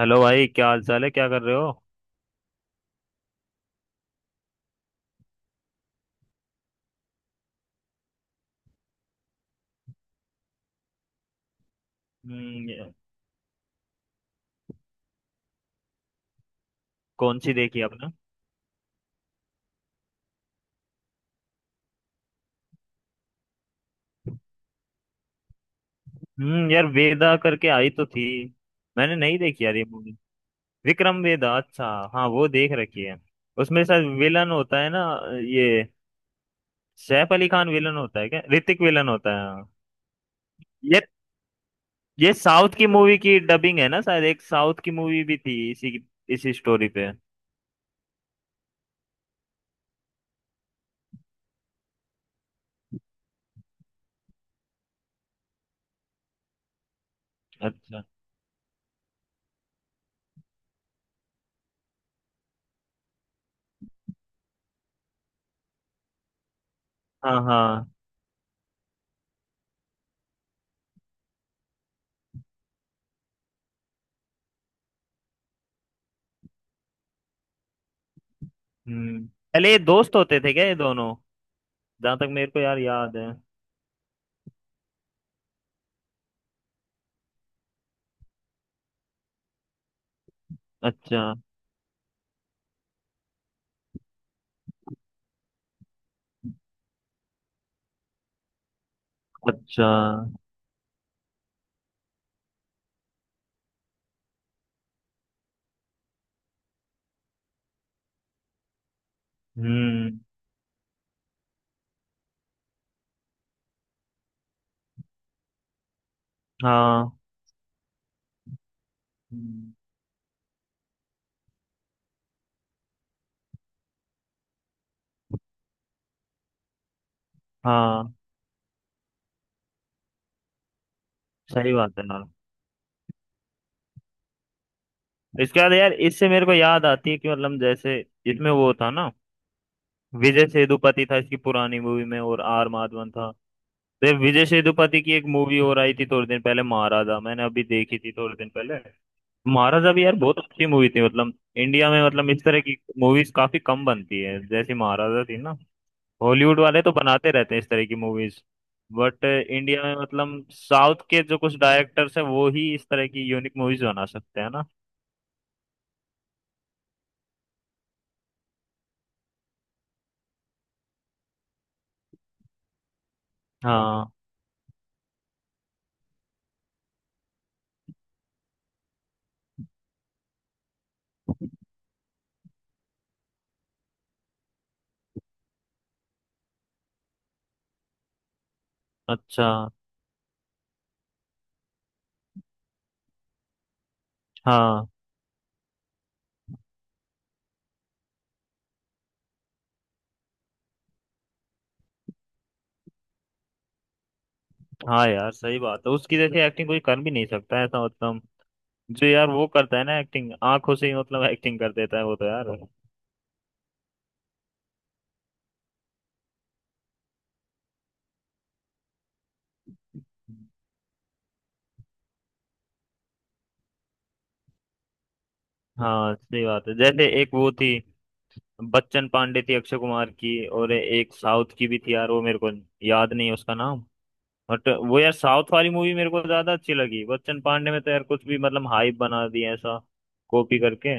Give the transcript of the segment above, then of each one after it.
Hello भाई, क्या हाल चाल है? क्या कर रहे हो? हम्म। कौन सी देखी आपने? यार, वेदा करके आई तो थी। मैंने नहीं देखी यार ये मूवी। विक्रम वेदा, अच्छा। हाँ, वो देख रखी है। उसमें शायद विलन होता है ना। ये सैफ अली खान विलन होता है क्या? ऋतिक विलन होता है? हाँ। ये ये साउथ की मूवी की डबिंग है ना शायद, एक साउथ की मूवी भी थी इसी इसी स्टोरी पे। अच्छा। हाँ हाँ। पहले ये दोस्त होते थे क्या ये दोनों? जहां तक मेरे को यार याद है। अच्छा। अच्छा। हम्म। हाँ। हम्म। हाँ, सही बात है यार। इसके बाद यार इससे मेरे को याद आती है कि मतलब, जैसे इसमें वो था ना, विजय सेतुपति था इसकी पुरानी मूवी में, और आर माधवन था। तो ये विजय सेतुपति की एक मूवी और आई थी थोड़े दिन पहले, महाराजा, मैंने अभी देखी थी थोड़े दिन पहले। महाराजा भी यार बहुत अच्छी मूवी थी। मतलब इंडिया में, मतलब इस तरह की मूवीज काफी कम बनती है जैसी महाराजा थी ना। हॉलीवुड वाले तो बनाते रहते हैं इस तरह की मूवीज। बट इंडिया में, मतलब साउथ के जो कुछ डायरेक्टर्स हैं वो ही इस तरह की यूनिक मूवीज बना सकते हैं ना। हाँ। अच्छा। हाँ हाँ, यार सही बात है। उसकी जैसी एक्टिंग कोई कर भी नहीं सकता है ऐसा, मतलब जो यार वो करता है ना, एक्टिंग आंखों से ही, मतलब एक्टिंग कर देता है वो तो यार। हाँ सही बात है। जैसे एक वो थी, बच्चन पांडे थी अक्षय कुमार की, और एक साउथ की भी थी यार, वो मेरे को याद नहीं है उसका नाम। बट वो यार साउथ वाली मूवी मेरे को ज्यादा अच्छी लगी। बच्चन पांडे में तो यार कुछ भी, मतलब हाइप बना दिया ऐसा, कॉपी करके।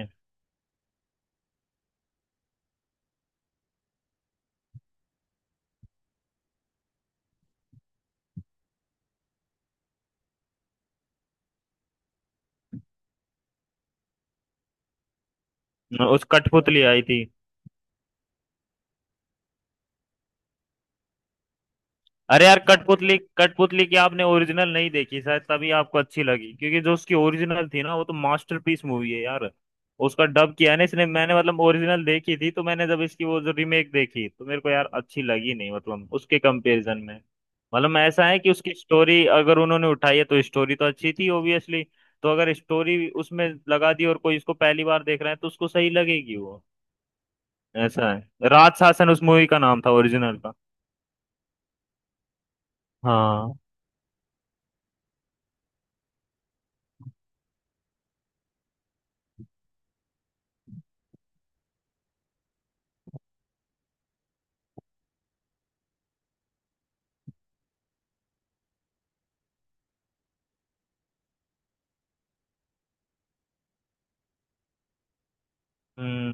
उस कठपुतली आई थी। अरे यार कठपुतली कठपुतली की आपने ओरिजिनल नहीं देखी शायद, तभी आपको अच्छी लगी, क्योंकि जो उसकी ओरिजिनल थी ना, वो तो मास्टरपीस मूवी है यार। उसका डब किया है ना इसने। मैंने मतलब ओरिजिनल देखी थी, तो मैंने जब इसकी वो जो रीमेक देखी तो मेरे को यार अच्छी लगी नहीं, मतलब उसके कंपैरिजन में। मतलब ऐसा है कि उसकी स्टोरी अगर उन्होंने उठाई है तो स्टोरी तो अच्छी थी ओबियसली। तो अगर स्टोरी उसमें लगा दी और कोई इसको पहली बार देख रहा है तो उसको सही लगेगी वो। ऐसा है, राज शासन उस मूवी का नाम था, ओरिजिनल का। हाँ।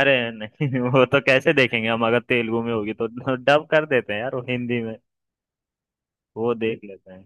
अरे नहीं, वो तो कैसे देखेंगे हम? अगर तेलुगु में होगी तो डब कर देते हैं यार वो हिंदी में। वो देख लेते हैं।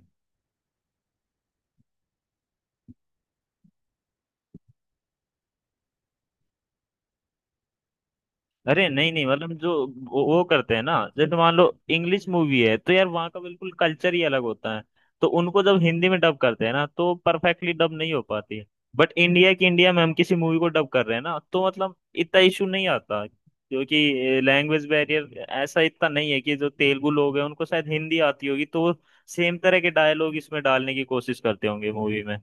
अरे नहीं नहीं, मतलब जो वो करते हैं ना, जैसे मान लो इंग्लिश मूवी है तो यार वहाँ का बिल्कुल कल्चर ही अलग होता है। तो उनको जब हिंदी में डब करते हैं ना, तो परफेक्टली डब नहीं हो पाती। बट इंडिया की, इंडिया में हम किसी मूवी को डब कर रहे हैं ना, तो मतलब इतना इशू नहीं आता, क्योंकि लैंग्वेज बैरियर ऐसा इतना नहीं है। कि जो तेलुगु लोग हैं उनको शायद हिंदी आती होगी, तो वो सेम तरह के डायलॉग इसमें डालने की कोशिश करते होंगे मूवी में।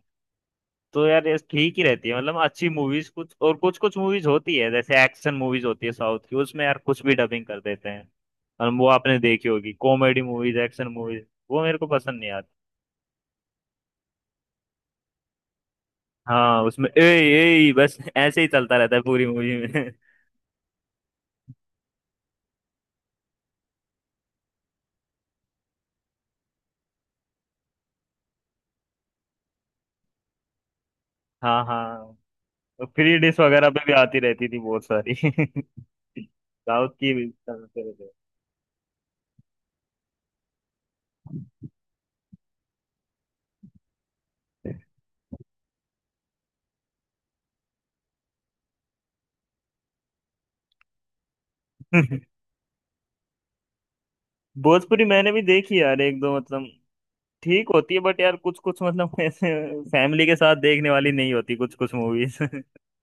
तो यार ये ठीक ही रहती है। मतलब अच्छी मूवीज कुछ, और कुछ कुछ मूवीज होती है जैसे एक्शन मूवीज होती है साउथ की, उसमें यार कुछ भी डबिंग कर देते हैं। और वो आपने देखी होगी कॉमेडी मूवीज, एक्शन मूवीज, वो मेरे को पसंद नहीं आती। हाँ उसमें ए, ए बस ऐसे ही चलता रहता है पूरी मूवी में। हाँ हाँ। फ्री डिश वगैरह पे भी आती रहती थी बहुत सारी। साउथ की भी चलते रहते। भोजपुरी मैंने भी देखी यार, एक दो मतलब ठीक होती है, बट यार कुछ कुछ मतलब, ऐसे फैमिली के साथ देखने वाली नहीं होती कुछ कुछ मूवीज।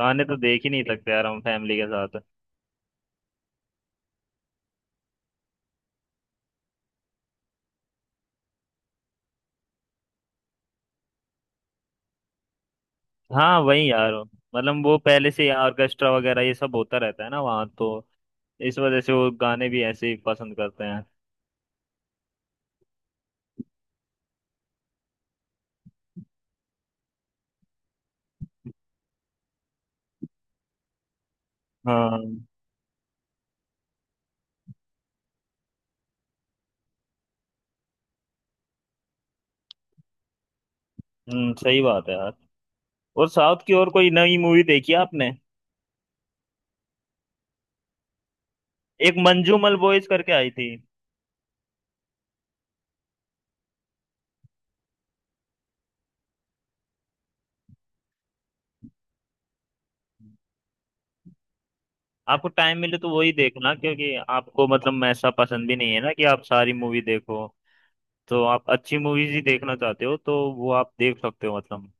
गाने तो देख ही नहीं सकते यार हम फैमिली के साथ। हाँ वही यार, मतलब वो पहले से ऑर्केस्ट्रा वगैरह ये सब होता रहता है ना वहाँ, तो इस वजह से वो गाने भी ऐसे ही पसंद करते हैं। हाँ। सही बात है यार। और साउथ की और कोई नई मूवी देखी है आपने? एक मंजूमल बॉयज करके आई थी। आपको टाइम मिले तो वही देखना, क्योंकि आपको मतलब ऐसा पसंद भी नहीं है ना कि आप सारी मूवी देखो, तो आप अच्छी मूवीज ही देखना चाहते हो, तो वो आप देख सकते हो। मतलब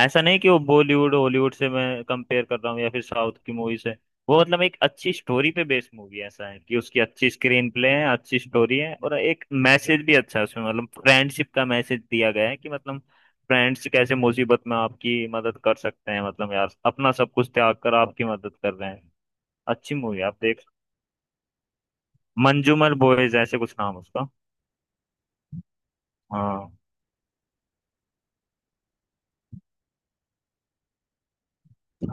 ऐसा नहीं कि वो बॉलीवुड हॉलीवुड से मैं कंपेयर कर रहा हूँ या फिर साउथ की मूवी से। वो मतलब एक अच्छी स्टोरी पे बेस्ड मूवी, ऐसा है कि उसकी अच्छी स्क्रीन प्ले है, अच्छी स्टोरी है, और एक मैसेज भी अच्छा है उसमें। मतलब फ्रेंडशिप का मैसेज दिया गया है कि, मतलब फ्रेंड्स कैसे मुसीबत में आपकी मदद कर सकते हैं, मतलब यार अपना सब कुछ त्याग कर आपकी मदद कर रहे हैं। अच्छी मूवी आप देख। मंजूमर बॉयज, ऐसे कुछ नाम उसका। हाँ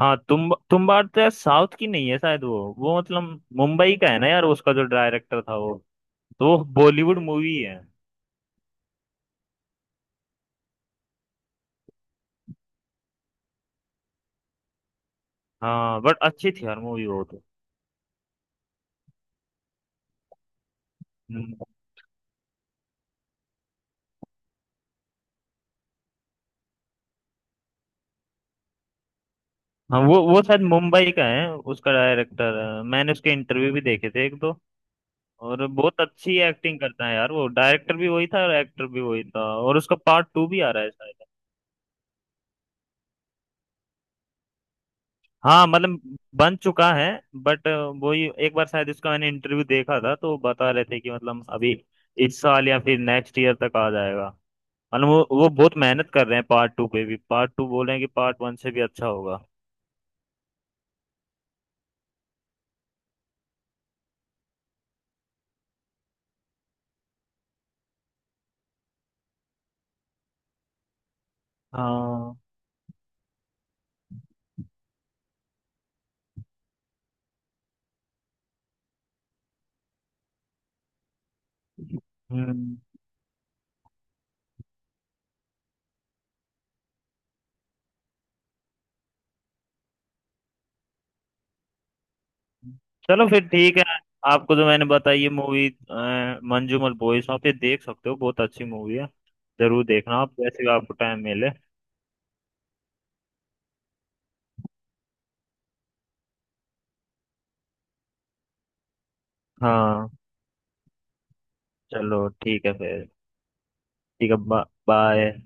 हाँ, तुम बार तो यार साउथ की नहीं है शायद। वो मतलब मुंबई का है ना यार, उसका जो डायरेक्टर था वो, तो वो बॉलीवुड मूवी है। हाँ बट अच्छी थी यार मूवी वो तो। हम्म। हाँ वो शायद मुंबई का है। उसका डायरेक्टर, मैंने उसके इंटरव्यू भी देखे थे एक दो। और बहुत अच्छी एक्टिंग करता है यार। वो डायरेक्टर भी वही था और एक्टर भी वही था, और उसका पार्ट टू भी आ रहा है शायद। हाँ मतलब बन चुका है, बट वही एक बार शायद इसका मैंने इंटरव्यू देखा था, तो बता रहे थे कि मतलब अभी इस साल या फिर नेक्स्ट ईयर तक आ जाएगा। मतलब वो बहुत मेहनत कर रहे हैं पार्ट टू पे भी। पार्ट टू बोल रहे हैं कि पार्ट वन से भी अच्छा होगा। हाँ। हम्म। चलो फिर ठीक है। आपको जो मैंने बताई ये मूवी, मंजूमल बॉयज, वहाँ पे देख सकते हो, बहुत अच्छी मूवी है। जरूर देखना आप, जैसे भी आपको टाइम मिले। हाँ चलो ठीक है फिर। ठीक है बाय।